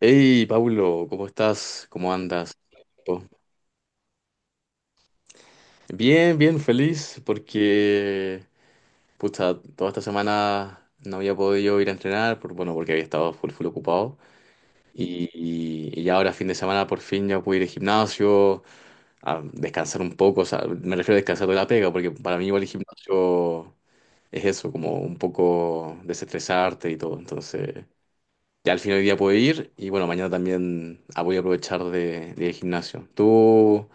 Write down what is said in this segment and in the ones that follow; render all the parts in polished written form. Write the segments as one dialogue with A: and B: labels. A: Hey, Paulo, ¿cómo estás? ¿Cómo andas? Oh, bien, bien, feliz porque, pucha, toda esta semana no había podido ir a entrenar, bueno, porque había estado full, full ocupado. Y, y ya ahora, fin de semana, por fin ya pude ir al gimnasio, a descansar un poco, o sea, me refiero a descansar de la pega, porque para mí igual el gimnasio es eso, como un poco desestresarte y todo. Entonces, ya al final del día pude ir y, bueno, mañana también voy a aprovechar de ir al gimnasio. ¿Tú?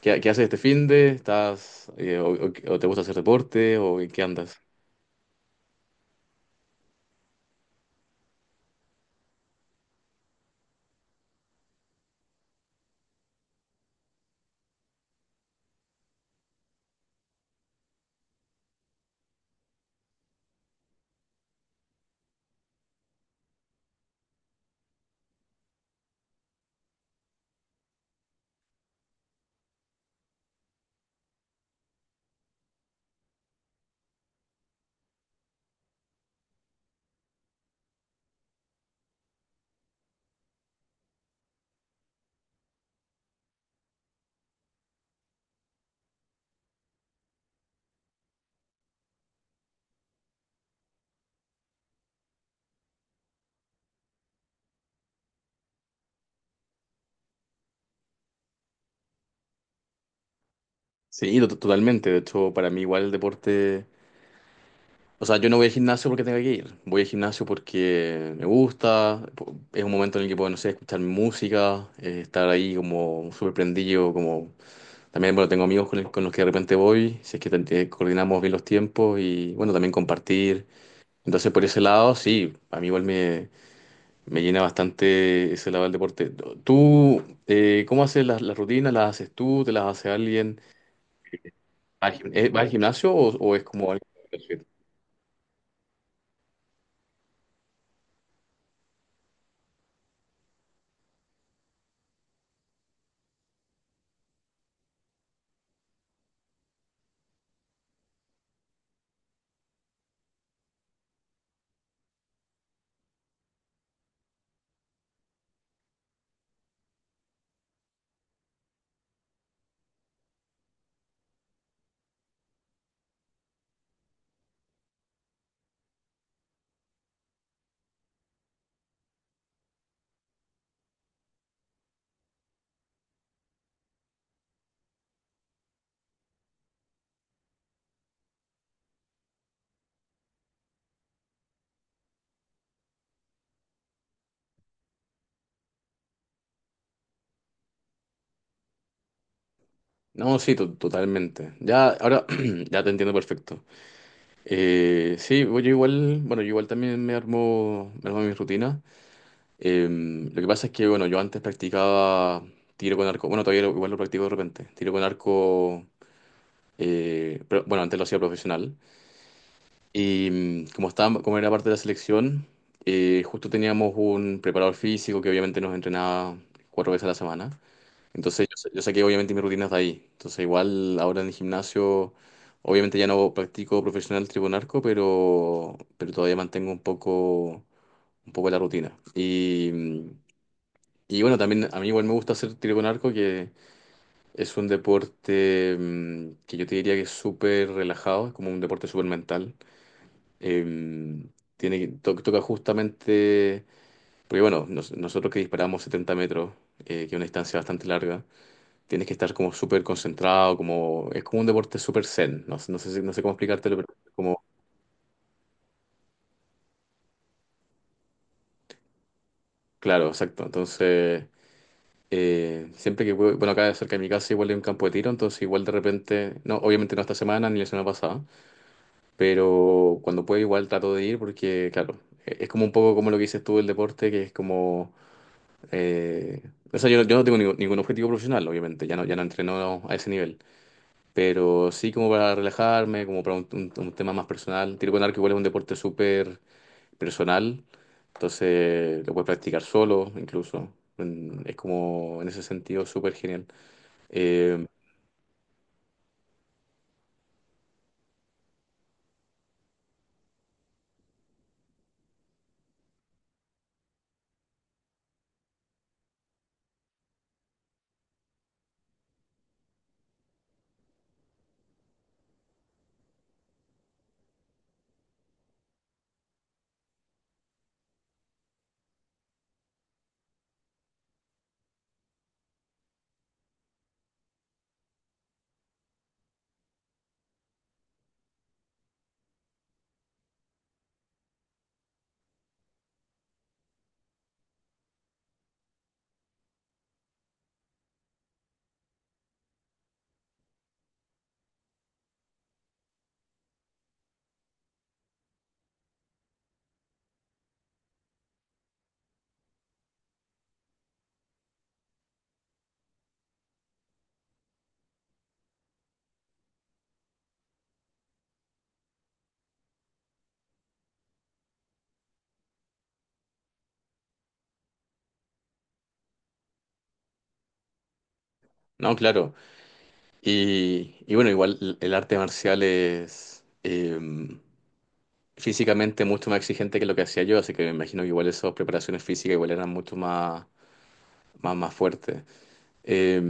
A: ¿Qué haces este finde? ¿O te gusta hacer deporte o en qué andas? Sí, totalmente. De hecho, para mí igual el deporte. O sea, yo no voy al gimnasio porque tenga que ir. Voy al gimnasio porque me gusta. Es un momento en el que puedo, no sé, escuchar música, estar ahí como súper prendido, como... También, bueno, tengo amigos con los que de repente voy, si es que coordinamos bien los tiempos y, bueno, también compartir. Entonces, por ese lado, sí, a mí igual me llena bastante ese lado del deporte. ¿Tú cómo haces las rutinas? ¿Las haces tú? ¿Te las hace alguien? ¿Vas al gimnasio o, es como algo que haces? No, sí, totalmente. Ya, ahora ya te entiendo perfecto. Sí, yo igual, bueno, yo igual también me armo mis rutinas. Lo que pasa es que, bueno, yo antes practicaba tiro con arco. Bueno, todavía igual lo practico de repente. Tiro con arco, pero bueno, antes lo hacía profesional. Y, mm, como estaba, como era parte de la selección, justo teníamos un preparador físico que obviamente nos entrenaba 4 veces a la semana. Entonces yo saqué obviamente mis rutinas de ahí. Entonces igual ahora en el gimnasio, obviamente ya no practico profesional tribunarco, pero todavía mantengo un poco la rutina. Y bueno, también a mí igual me gusta hacer tiro con que es un deporte mm, que yo te diría que es súper relajado, es como un deporte súper mental, em, tiene, toca justamente, porque bueno, nosotros que disparamos 70 metros, que es una distancia bastante larga, tienes que estar como súper concentrado, como, es como un deporte súper zen, no, no sé, no sé cómo explicártelo, pero como, claro, exacto. Entonces, siempre que bueno, acá cerca de mi casa igual hay un campo de tiro, entonces igual de repente, no, obviamente no esta semana ni la semana pasada, pero cuando puedo igual trato de ir porque, claro, es como un poco como lo que dices tú del deporte, que es como... Eh, o sea, yo, no, yo no tengo ningún objetivo profesional, obviamente, ya no entreno a ese nivel, pero sí como para relajarme, como para un tema más personal. Tiro con arco igual es un deporte súper personal, entonces lo puedes practicar solo incluso. Es como en ese sentido súper genial. Eh, no, claro. Y bueno, igual el arte marcial es, físicamente mucho más exigente que lo que hacía yo, así que me imagino que igual esas preparaciones físicas igual eran mucho más fuertes. Eh,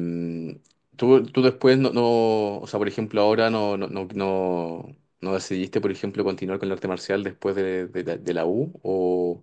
A: tú después no, no, o sea, por ejemplo, ahora no decidiste, por ejemplo, continuar con el arte marcial después de la U o...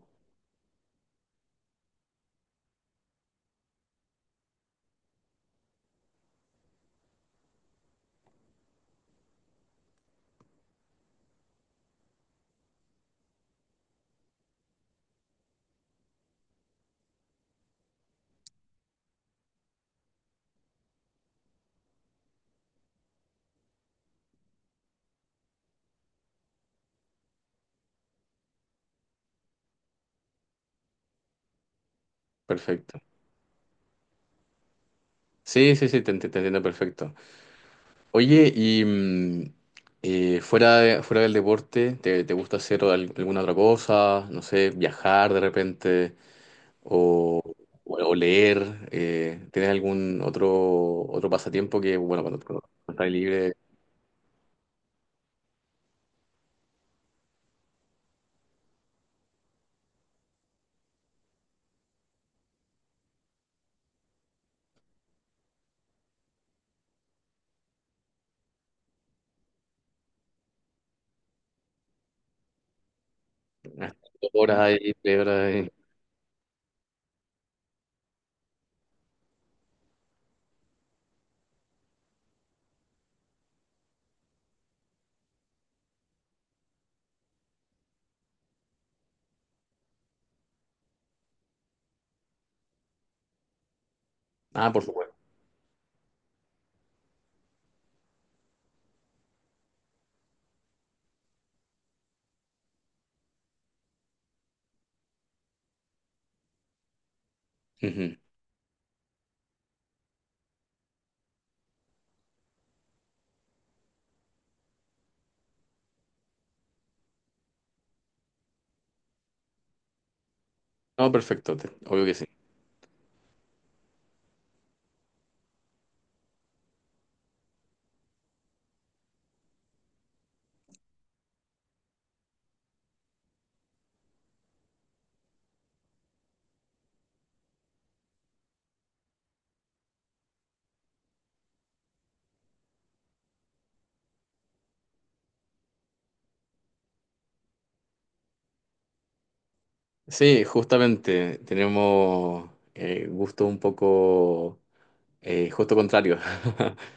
A: Perfecto. Sí, sí, sí, te entiendo perfecto. Oye, y, fuera fuera del deporte, ¿te gusta hacer alguna otra cosa? No sé, viajar de repente o, o leer. Eh, ¿tienes algún otro pasatiempo que, bueno, cuando estás libre, unas horas ahí, 3 horas ahí? Ah, por supuesto. Ujú. No, perfecto, obvio que sí. Sí, justamente tenemos gustos un poco justo contrario.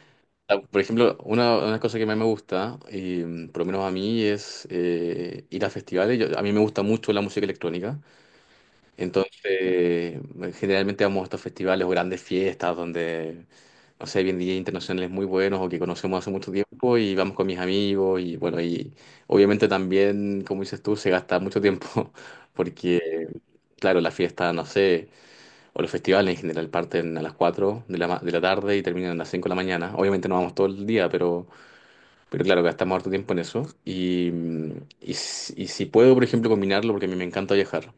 A: Ah, por ejemplo, una cosa que más me gusta, y, por lo menos a mí, es ir a festivales. A mí me gusta mucho la música electrónica. Entonces, generalmente vamos a estos festivales o grandes fiestas donde, no sé, bien DJ internacionales muy buenos o que conocemos hace mucho tiempo, y vamos con mis amigos y, bueno, y obviamente también, como dices tú, se gasta mucho tiempo porque, claro, la fiesta, no sé, o los festivales en general parten a las 4 de la, de la tarde y terminan a las 5 de la mañana. Obviamente no vamos todo el día, pero claro, gastamos harto tiempo en eso y, mm, y si puedo, por ejemplo, combinarlo, porque a mí me encanta viajar,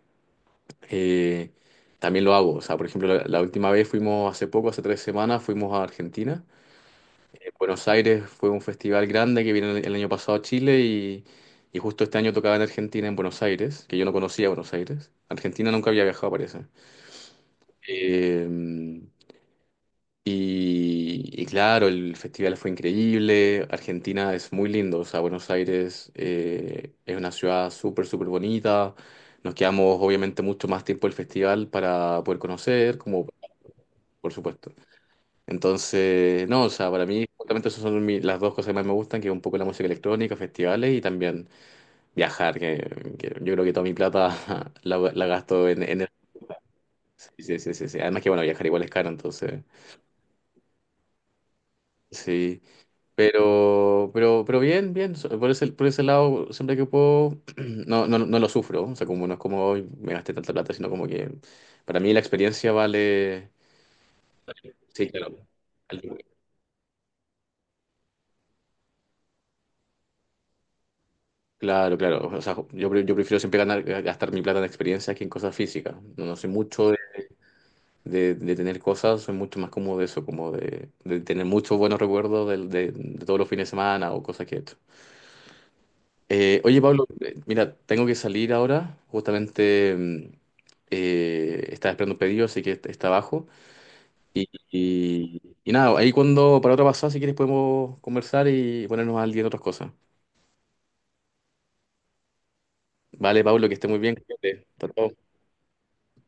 A: eh, también lo hago. O sea, por ejemplo, la última vez fuimos hace poco, hace 3 semanas, fuimos a Argentina. Buenos Aires fue un festival grande que vino el año pasado a Chile, y justo este año tocaba en Argentina, en Buenos Aires, que yo no conocía Buenos Aires. Argentina nunca había viajado, parece. Eh, y claro, el festival fue increíble. Argentina es muy lindo. O sea, Buenos Aires, es una ciudad súper, súper bonita. Nos quedamos obviamente mucho más tiempo el festival para poder conocer, como por supuesto. Entonces, no, o sea, para mí justamente esas son las dos cosas que más me gustan, que es un poco la música electrónica, festivales y también viajar, que yo creo que toda mi plata la gasto en el... Sí, sí, sí, sí, sí. Además que, bueno, viajar igual es caro, entonces, sí. Pero bien, bien. Por ese lado, siempre que puedo, no lo sufro. O sea, como no es como hoy me gasté tanta plata, sino como que para mí la experiencia vale... Sí, claro. Claro, claro. O sea, yo, yo prefiero siempre ganar, gastar mi plata en experiencias que en cosas físicas. No soy mucho de, de tener cosas, soy mucho más cómodo de eso, como de tener muchos buenos recuerdos del- de, todos los fines de semana o cosas que he hecho. Oye, Pablo, mira, tengo que salir ahora. Justamente estaba esperando un pedido, así que está abajo. Y nada, ahí cuando para otra pasada, si quieres, podemos conversar y ponernos al día en otras cosas. Vale, Pablo, que esté muy bien. Cuídate. Hasta luego.